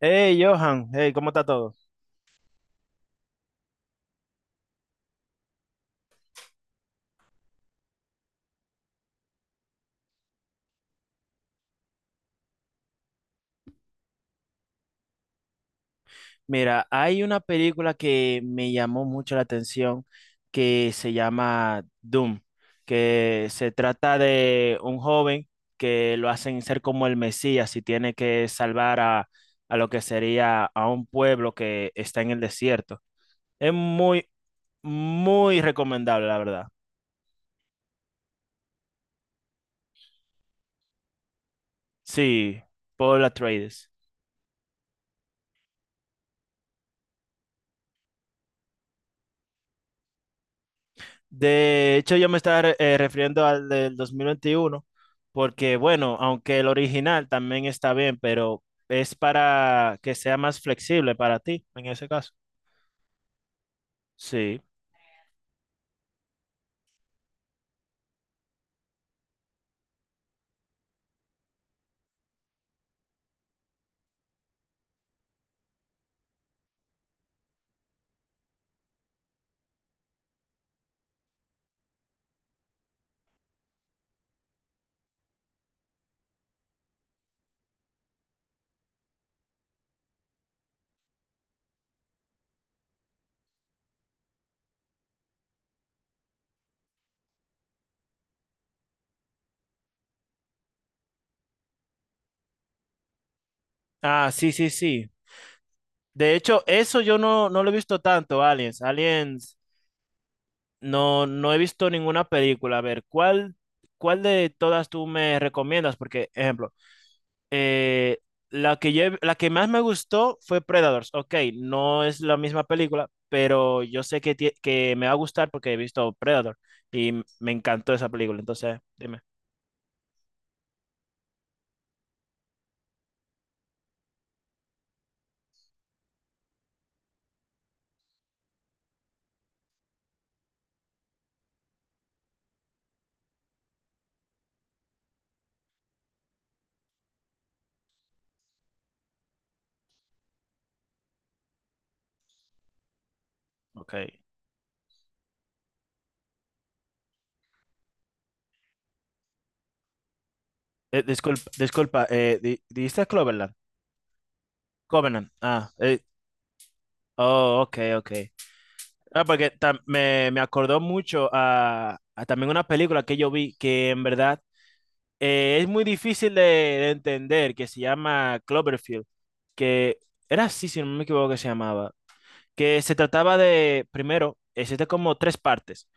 Hey, Johan, hey, ¿cómo está todo? Mira, hay una película que me llamó mucho la atención que se llama Doom, que se trata de un joven que lo hacen ser como el Mesías y tiene que salvar a lo que sería a un pueblo que está en el desierto. Es muy recomendable, la verdad. Sí, Paul Atreides. De hecho, yo me estaba refiriendo al del 2021 porque bueno, aunque el original también está bien, pero es para que sea más flexible para ti en ese caso. Sí. Ah, sí, sí, sí. De hecho, eso yo no, no lo he visto tanto, Aliens. Aliens, no he visto ninguna película. A ver, ¿ cuál de todas tú me recomiendas? Porque, ejemplo, Eh, la que la que más me gustó fue Predators. Ok, no es la misma película, pero yo sé que, que me va a gustar porque he visto Predator y me encantó esa película. Entonces, dime. Ok. Disculpa, ¿dijiste Cloverland? Covenant. Ah, oh, ok, ok. Ah, porque me acordó mucho a también una película que yo vi que en verdad es muy difícil de entender, que se llama Cloverfield, que era así, si no me equivoco, que se llamaba, que se trataba de, primero, existe como tres partes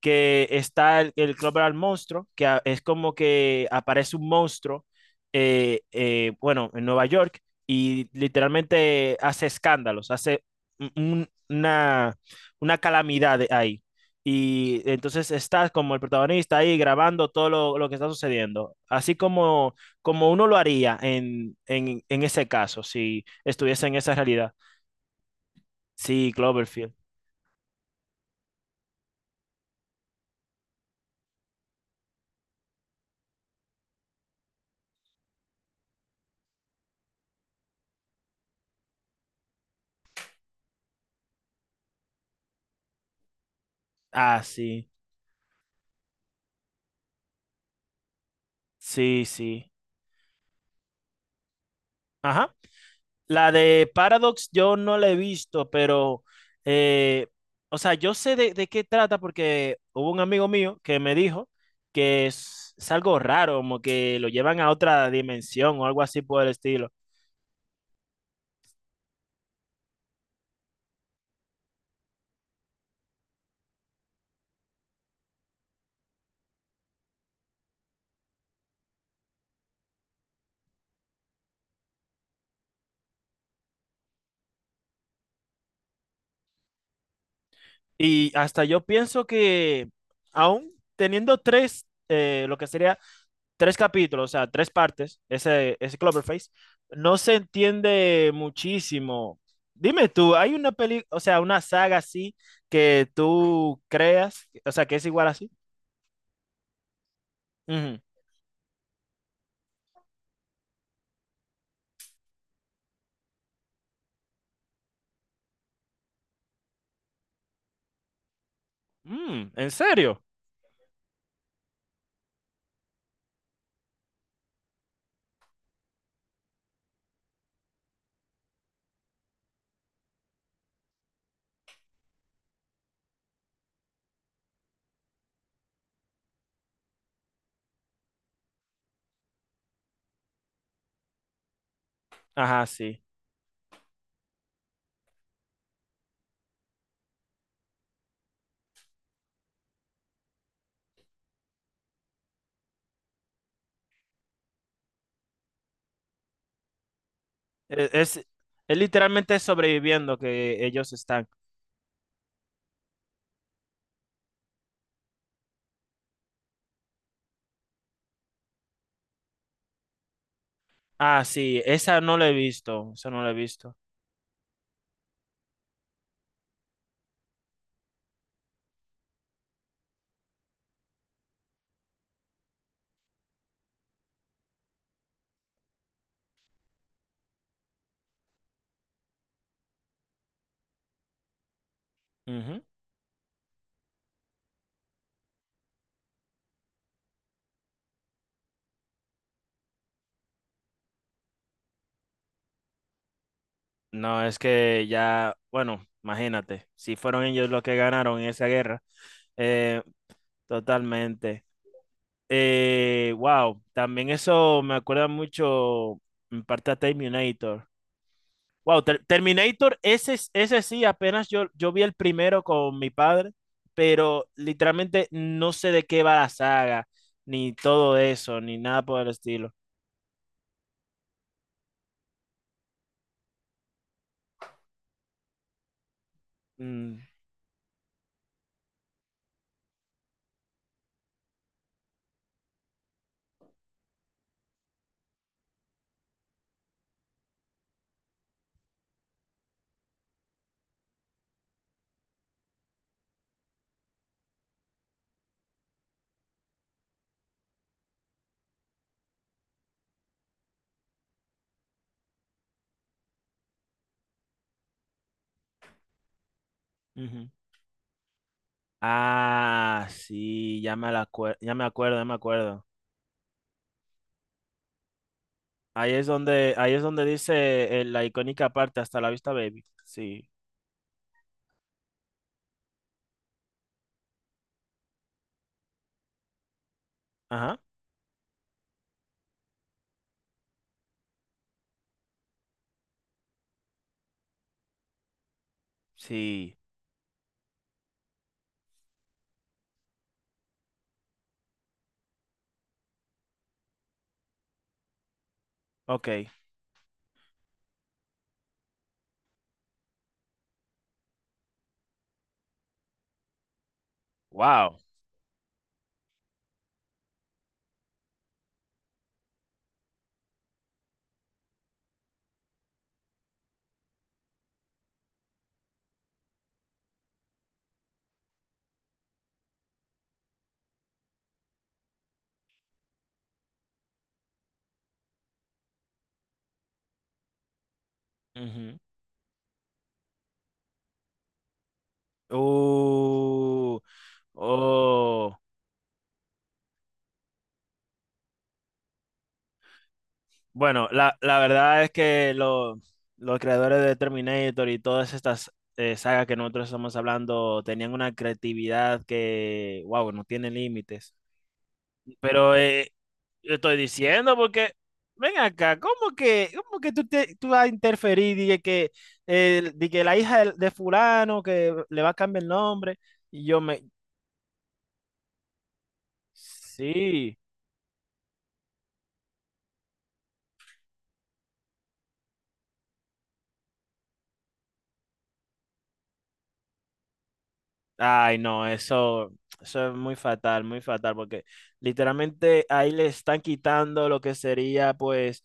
que está el Club del Monstruo, es como que aparece un monstruo, bueno, en Nueva York, y literalmente hace escándalos, hace un- una, una calamidad ahí. Y entonces está como el protagonista ahí grabando todo lo que está sucediendo, así como, como uno lo haría en ese caso, si estuviese en esa realidad. Sí, Cloverfield. Ah, sí, sí, sí. Ajá. La de Paradox yo no la he visto, pero, eh, o sea, yo sé de qué trata porque hubo un amigo mío que me dijo que es algo raro, como que lo llevan a otra dimensión o algo así por el estilo. Y hasta yo pienso que aún teniendo tres, lo que sería tres capítulos, o sea, tres partes, ese Cloverface, no se entiende muchísimo. Dime tú, ¿hay una peli, o sea, una saga así que tú creas, o sea, que es igual así? Ujú. Mm, ¿en serio? Ajá, sí. E- Es, es literalmente sobreviviendo que ellos están. Ah, sí, esa no la he visto, esa no la he visto. Ujú. No, es que ya, bueno, imagínate, si fueron ellos los que ganaron en esa guerra, eh, totalmente. Wow, también eso me acuerda mucho en parte a Terminator. Wow, Terminator, ese sí, apenas yo vi el primero con mi padre, pero literalmente no sé de qué va la saga, ni todo eso, ni nada por el estilo. Mm, ujú. Ah, sí, ya ya me acuerdo, ya me acuerdo. Ahí es donde dice la icónica parte, hasta la vista, baby. Sí. Ajá. Sí. Ok. Wow. Ujú. Uh, oh. Bueno, la verdad es que los creadores de Terminator y todas estas sagas que nosotros estamos hablando tenían una creatividad que, wow, no tiene límites. Pero yo estoy diciendo porque, ven acá, ¿cómo que, tú vas a interferir? Dije que, di que la hija de fulano que le va a cambiar el nombre. Y yo me... Sí. Ay, no, eso es muy fatal, porque literalmente ahí le están quitando lo que sería, pues,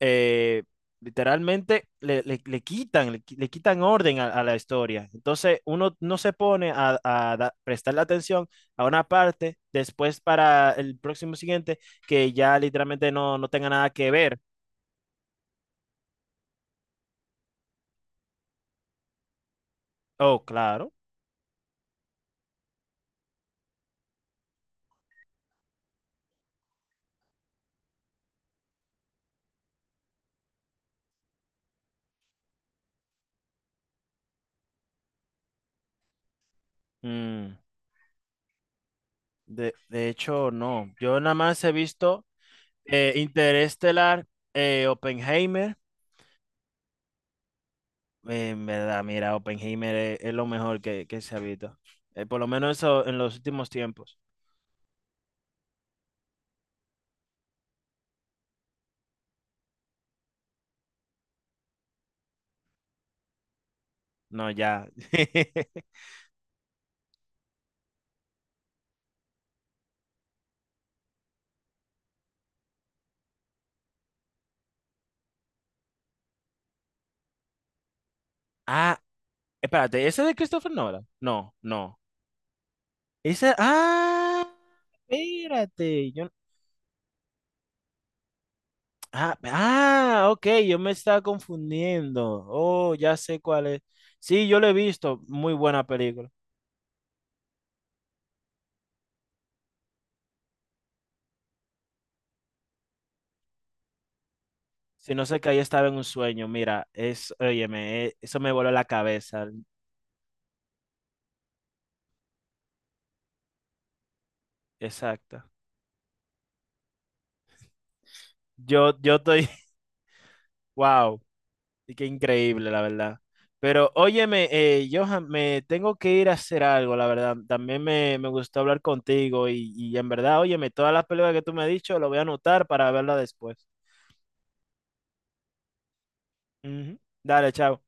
eh, literalmente le quitan, le quitan orden a la historia. Entonces, uno no se pone a prestarle atención a una parte después para el próximo siguiente que ya literalmente no tenga nada que ver. Oh, claro. Mm, de hecho, no. Yo nada más he visto... Interestelar, Oppenheimer. En verdad, mira, Oppenheimer es lo mejor que se ha visto. Por lo menos eso en los últimos tiempos. No, ya. Ah, espérate, ¿ese de Christopher Nolan? No, no. Ese, ah, espérate. Yo, ah, ah, ok, yo me estaba confundiendo. Oh, ya sé cuál es. Sí, yo lo he visto. Muy buena película. Si no sé que ahí estaba en un sueño, mira, es, óyeme, eso me voló la cabeza. Exacto. Yo, yo estoy, wow, y qué increíble, la verdad. Pero óyeme, Johan, me tengo que ir a hacer algo, la verdad. También me gustó hablar contigo y en verdad, óyeme, todas las películas que tú me has dicho, lo voy a anotar para verla después. Ujú. Dale, chao.